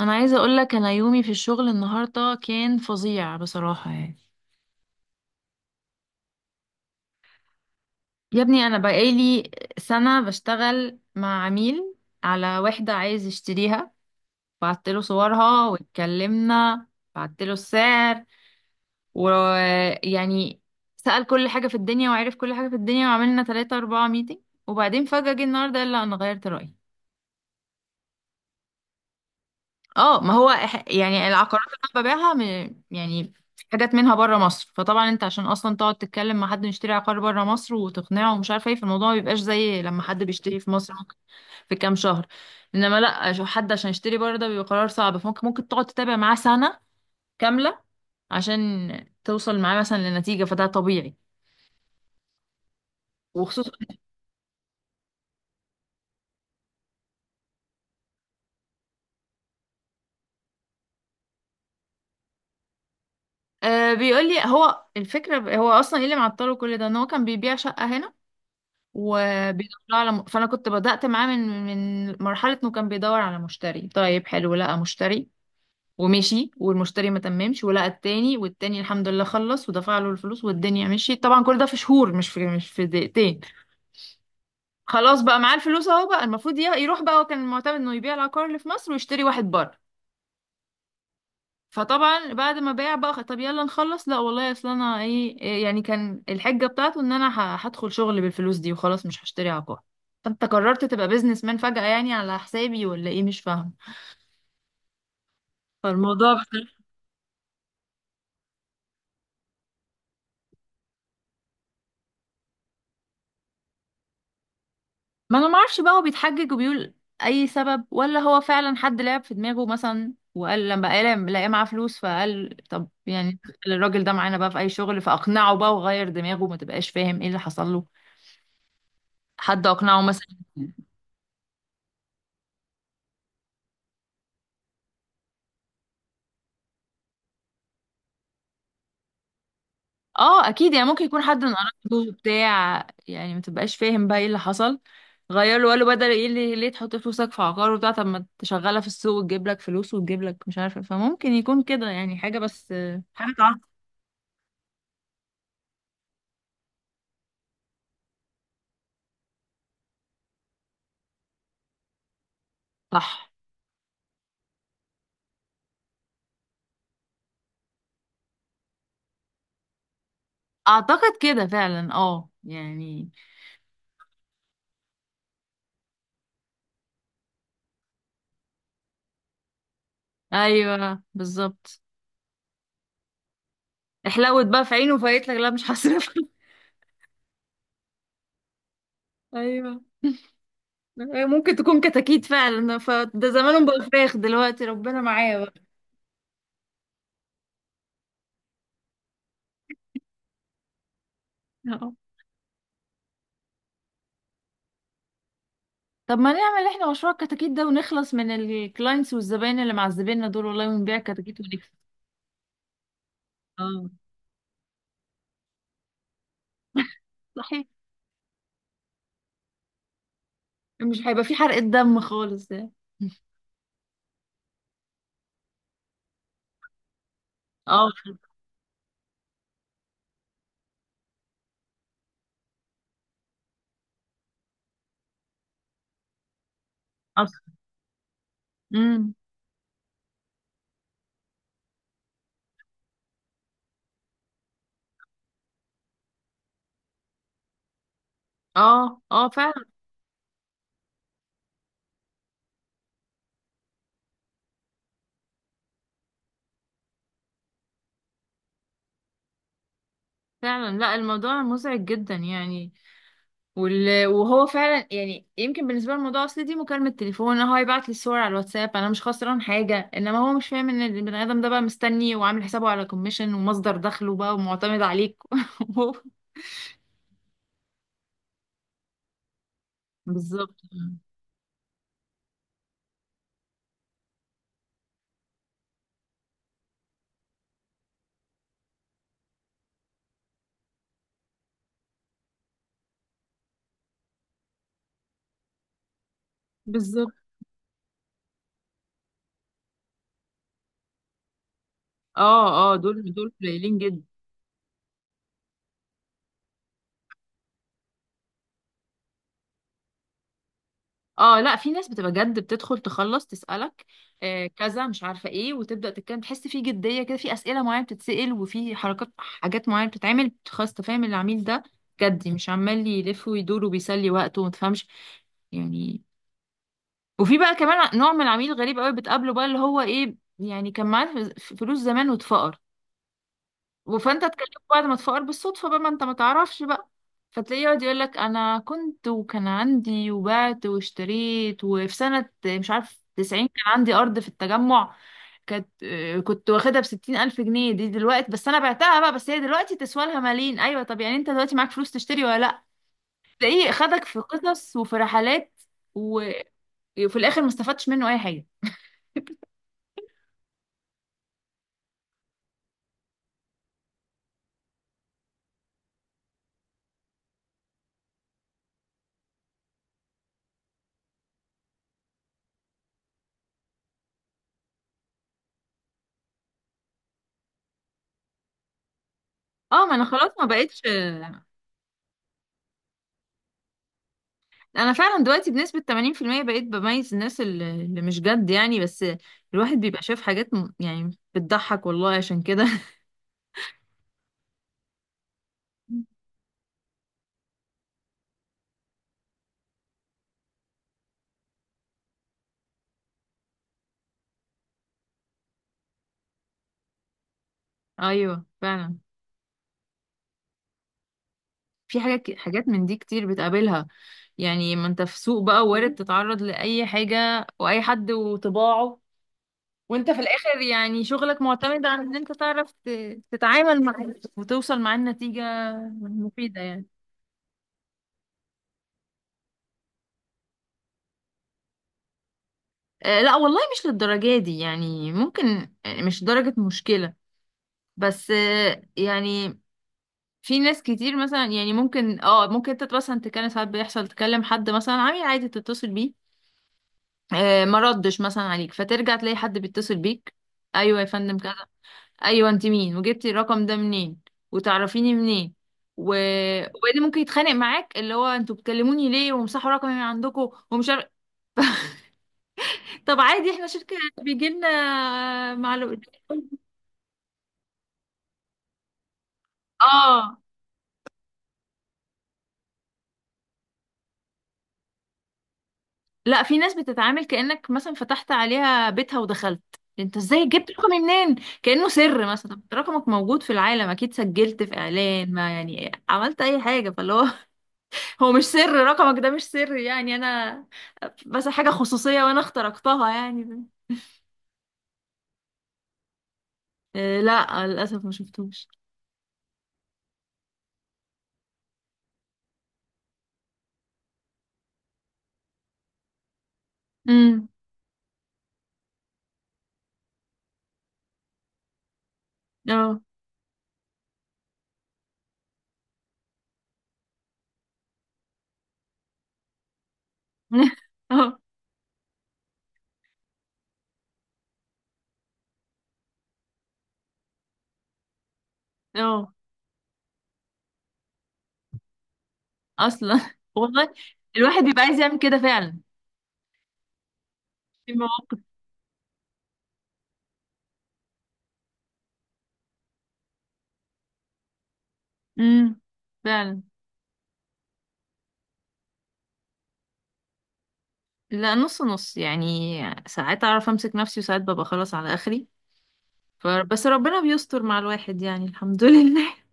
انا عايزه اقول لك انا يومي في الشغل النهارده كان فظيع بصراحه يعني. يا ابني انا بقالي سنه بشتغل مع عميل على وحده عايز يشتريها، بعت له صورها واتكلمنا، بعت له السعر ويعني سأل كل حاجه في الدنيا وعرف كل حاجه في الدنيا وعملنا 3 4 ميتنج، وبعدين فجأة جه النهارده قال لا انا غيرت رأيي. اه ما هو يعني العقارات اللي انا ببيعها، يعني في حاجات منها بره مصر، فطبعا انت عشان اصلا تقعد تتكلم مع حد يشتري عقار بره مصر وتقنعه ومش عارفه ايه، فالموضوع ما بيبقاش زي لما حد بيشتري في مصر ممكن في كام شهر. انما لا، عشان حد عشان يشتري بره ده بيبقى قرار صعب، فممكن تقعد تتابع معاه سنه كامله عشان توصل معاه مثلا لنتيجه، فده طبيعي. وخصوصا بيقول لي هو الفكره، هو اصلا ايه اللي معطله كل ده، ان هو كان بيبيع شقه هنا وبيدور على، فانا كنت بدأت معاه من مرحلة انه كان بيدور على مشتري طيب، حلو لقى مشتري ومشي، والمشتري ما تممش، ولقى التاني، والتاني الحمد لله خلص ودفع له الفلوس والدنيا مشيت. طبعا كل ده في شهور، مش في دقيقتين. خلاص بقى معاه الفلوس اهو، بقى المفروض يروح بقى. هو كان معتمد انه يبيع العقار اللي في مصر ويشتري واحد بره، فطبعا بعد ما باع بقى طب يلا نخلص. لا والله، اصل انا ايه إيه يعني، كان الحجه بتاعته ان انا هدخل شغل بالفلوس دي وخلاص مش هشتري عقار. فانت قررت تبقى بيزنس مان فجأة يعني، على حسابي ولا ايه؟ مش فاهمه. فالموضوع بصراحة. ما انا ما اعرفش بقى، هو بيتحجج وبيقول اي سبب، ولا هو فعلا حد لعب في دماغه مثلا، وقال لما لقى معاه فلوس، فقال طب يعني خلي الراجل ده معانا بقى في اي شغل فاقنعه بقى وغير دماغه. ما تبقاش فاهم ايه اللي حصل له، حد اقنعه مثلا. اه اكيد يعني، ممكن يكون حد من قرايبه بتاع يعني، ما تبقاش فاهم بقى ايه اللي حصل. غير له، قالوا بدل ايه اللي ليه تحط فلوسك في عقار وبتاع، طب ما تشغلها في السوق وتجيب لك فلوس وتجيب لك مش عارفه. فممكن يكون كده يعني حاجه، بس حاجه تعرف. صح. اعتقد كده فعلا، اه يعني. ايوه بالظبط. احلوت بقى في عينه وفايت لك لا مش هصرف. ايوه، ممكن تكون كتاكيت فعلا، فده زمانهم بقوا فراخ دلوقتي، ربنا معايا بقى. طب ما نعمل احنا مشروع الكتاكيت ده ونخلص من الكلاينتس والزباين اللي معذبيننا دول والله، ونبيع كتاكيت ونكسب. اه صحيح. مش هيبقى في حرقة دم خالص يعني. اه اصلا. امم اه اه فعلا فعلا. لا الموضوع مزعج جدا يعني. وهو فعلا يعني يمكن بالنسبه للموضوع، اصل دي مكالمه تليفون، هو هيبعت لي الصور على الواتساب، انا مش خسران حاجه، انما هو مش فاهم ان البني ادم ده بقى مستني وعامل حسابه على كوميشن ومصدر دخله بقى ومعتمد عليك. وهو- بالظبط بالظبط. اه اه، دول قليلين جدا. اه لا في ناس بتبقى جد، بتدخل تخلص تسألك كذا، مش عارفة ايه، وتبدأ تتكلم، تحس في جدية كده، في أسئلة معينة بتتسأل، وفي حركات حاجات معينة بتتعمل، خلاص تفهم العميل ده جدي، مش عمال يلف ويدور وبيسلي وقته وما تفهمش يعني. وفي بقى كمان نوع من العميل غريب قوي بتقابله بقى، اللي هو ايه يعني، كان معاه فلوس زمان واتفقر، فانت اتكلمت بعد ما تفقر بالصدفه بقى، ما انت ما تعرفش بقى. فتلاقيه يقعد يقول لك انا كنت وكان عندي وبعت واشتريت، وفي سنه مش عارف 90 كان عندي ارض في التجمع، كانت كنت واخدها بستين ألف جنيه دي دلوقتي، بس أنا بعتها بقى، بس هي دلوقتي تسوى لها ملايين، أيوة طب يعني أنت دلوقتي معاك فلوس تشتري ولا لأ؟ تلاقيه خدك في قصص وفي رحلات و- وفي الآخر ما استفدتش منه أي حاجة. اه ما أنا خلاص ما بقتش. انا فعلا دلوقتي بنسبة 80% بقيت بميز الناس اللي اللي مش جد يعني، بس الواحد بيبقى شايف حاجات يعني بتضحك والله عشان كده. ايوه فعلا. في حاجات من دي كتير بتقابلها، يعني ما انت في سوق بقى، وارد تتعرض لاي حاجة واي حد وطباعه، وانت في الاخر يعني شغلك معتمد على ان انت تعرف تتعامل مع وتوصل مع النتيجة مفيدة يعني. لا والله مش للدرجة دي يعني، ممكن مش درجة مشكلة، بس يعني في ناس كتير مثلا يعني ممكن ممكن انت مثلا تتكلم ساعات، بيحصل تكلم حد مثلا عميل عادي تتصل بيه، ما ردش مثلا عليك، فترجع تلاقي حد بيتصل بيك، ايوه يا فندم كذا، ايوه انت مين؟ وجبتي الرقم ده منين؟ وتعرفيني منين؟ و... وبعدين ممكن يتخانق معاك اللي هو انتوا بتكلموني ليه؟ ومسحوا رقمي من عندكم، ومش عارف. طب عادي احنا شركة، بيجي لنا معلومات. اه لا في ناس بتتعامل كأنك مثلا فتحت عليها بيتها ودخلت، انت ازاي جبت رقمي منين؟ كأنه سر مثلا، طب رقمك موجود في العالم اكيد، سجلت في اعلان ما، يعني عملت اي حاجة، فاللي هو. هو مش سر، رقمك ده مش سر يعني، انا بس حاجة خصوصية وانا اخترقتها يعني. إيه، لا للاسف ما شفتوش. امم اه. اه اه اصلا. والله الواحد بيبقى عايز يعمل كده فعلا. في مواقف. امم فعلا. لا نص نص يعني، ساعات اعرف امسك نفسي وساعات ببقى خلاص على اخري. بس ربنا بيستر مع الواحد يعني الحمد لله.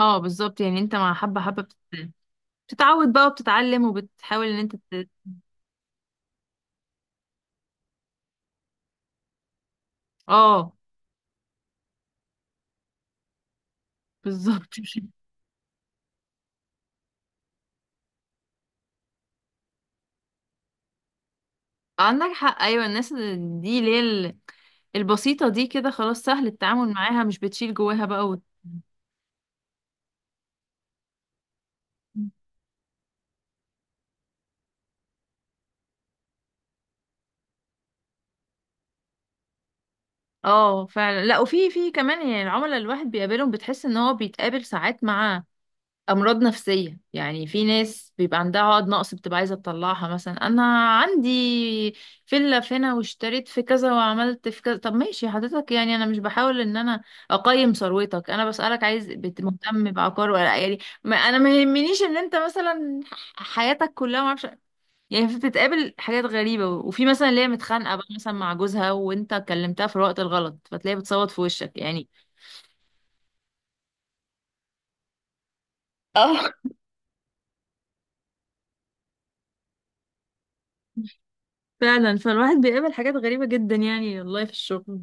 اه بالظبط يعني انت مع حبة حبة بتتعود بقى وبتتعلم وبتحاول ان انت ت... اه بالظبط. عندك حق، ايوه الناس دي اللي هي البسيطة دي كده خلاص سهل التعامل معاها، مش بتشيل جواها بقى وت... اه فعلا. لا وفي كمان يعني العملاء الواحد بيقابلهم، بتحس ان هو بيتقابل ساعات مع امراض نفسيه يعني، في ناس بيبقى عندها عقد نقص بتبقى عايزه تطلعها، مثلا انا عندي فيلا في هنا واشتريت في كذا وعملت في كذا، طب ماشي حضرتك، يعني انا مش بحاول ان انا اقيم ثروتك، انا بسالك عايز مهتم بعقار ولا لأ؟ يعني ما انا ما يهمنيش ان انت مثلا حياتك كلها ما اعرفش يعني. في، بتتقابل حاجات غريبه، وفي مثلا اللي هي متخانقه بقى مثلا مع جوزها وانت كلمتها في الوقت الغلط فتلاقيها بتصوت في وشك يعني. اه فعلا، فالواحد بيقابل حاجات غريبة جدا يعني والله في الشغل.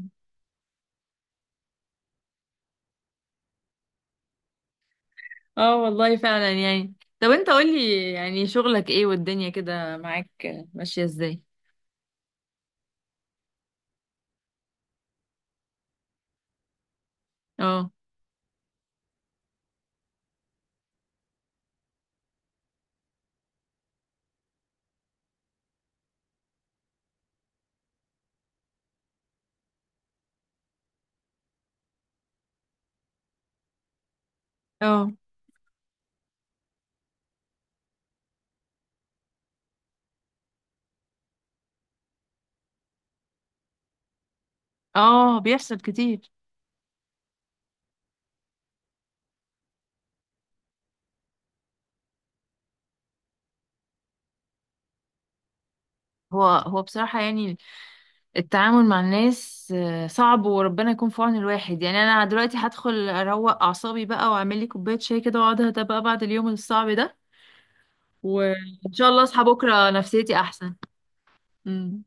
اه والله فعلا يعني. طب انت قولي يعني شغلك ايه والدنيا كده معاك ماشية ازاي؟ اه اه اه بيحصل كتير. هو هو بصراحة يعني التعامل مع الناس صعب، وربنا يكون في عون الواحد يعني. انا دلوقتي هدخل اروق اعصابي بقى واعمل لي كوباية شاي كده واقعد اهدى بقى بعد اليوم الصعب ده، وان شاء الله اصحى بكرة نفسيتي احسن. امم.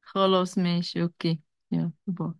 خلاص ماشي اوكي، يلا باي.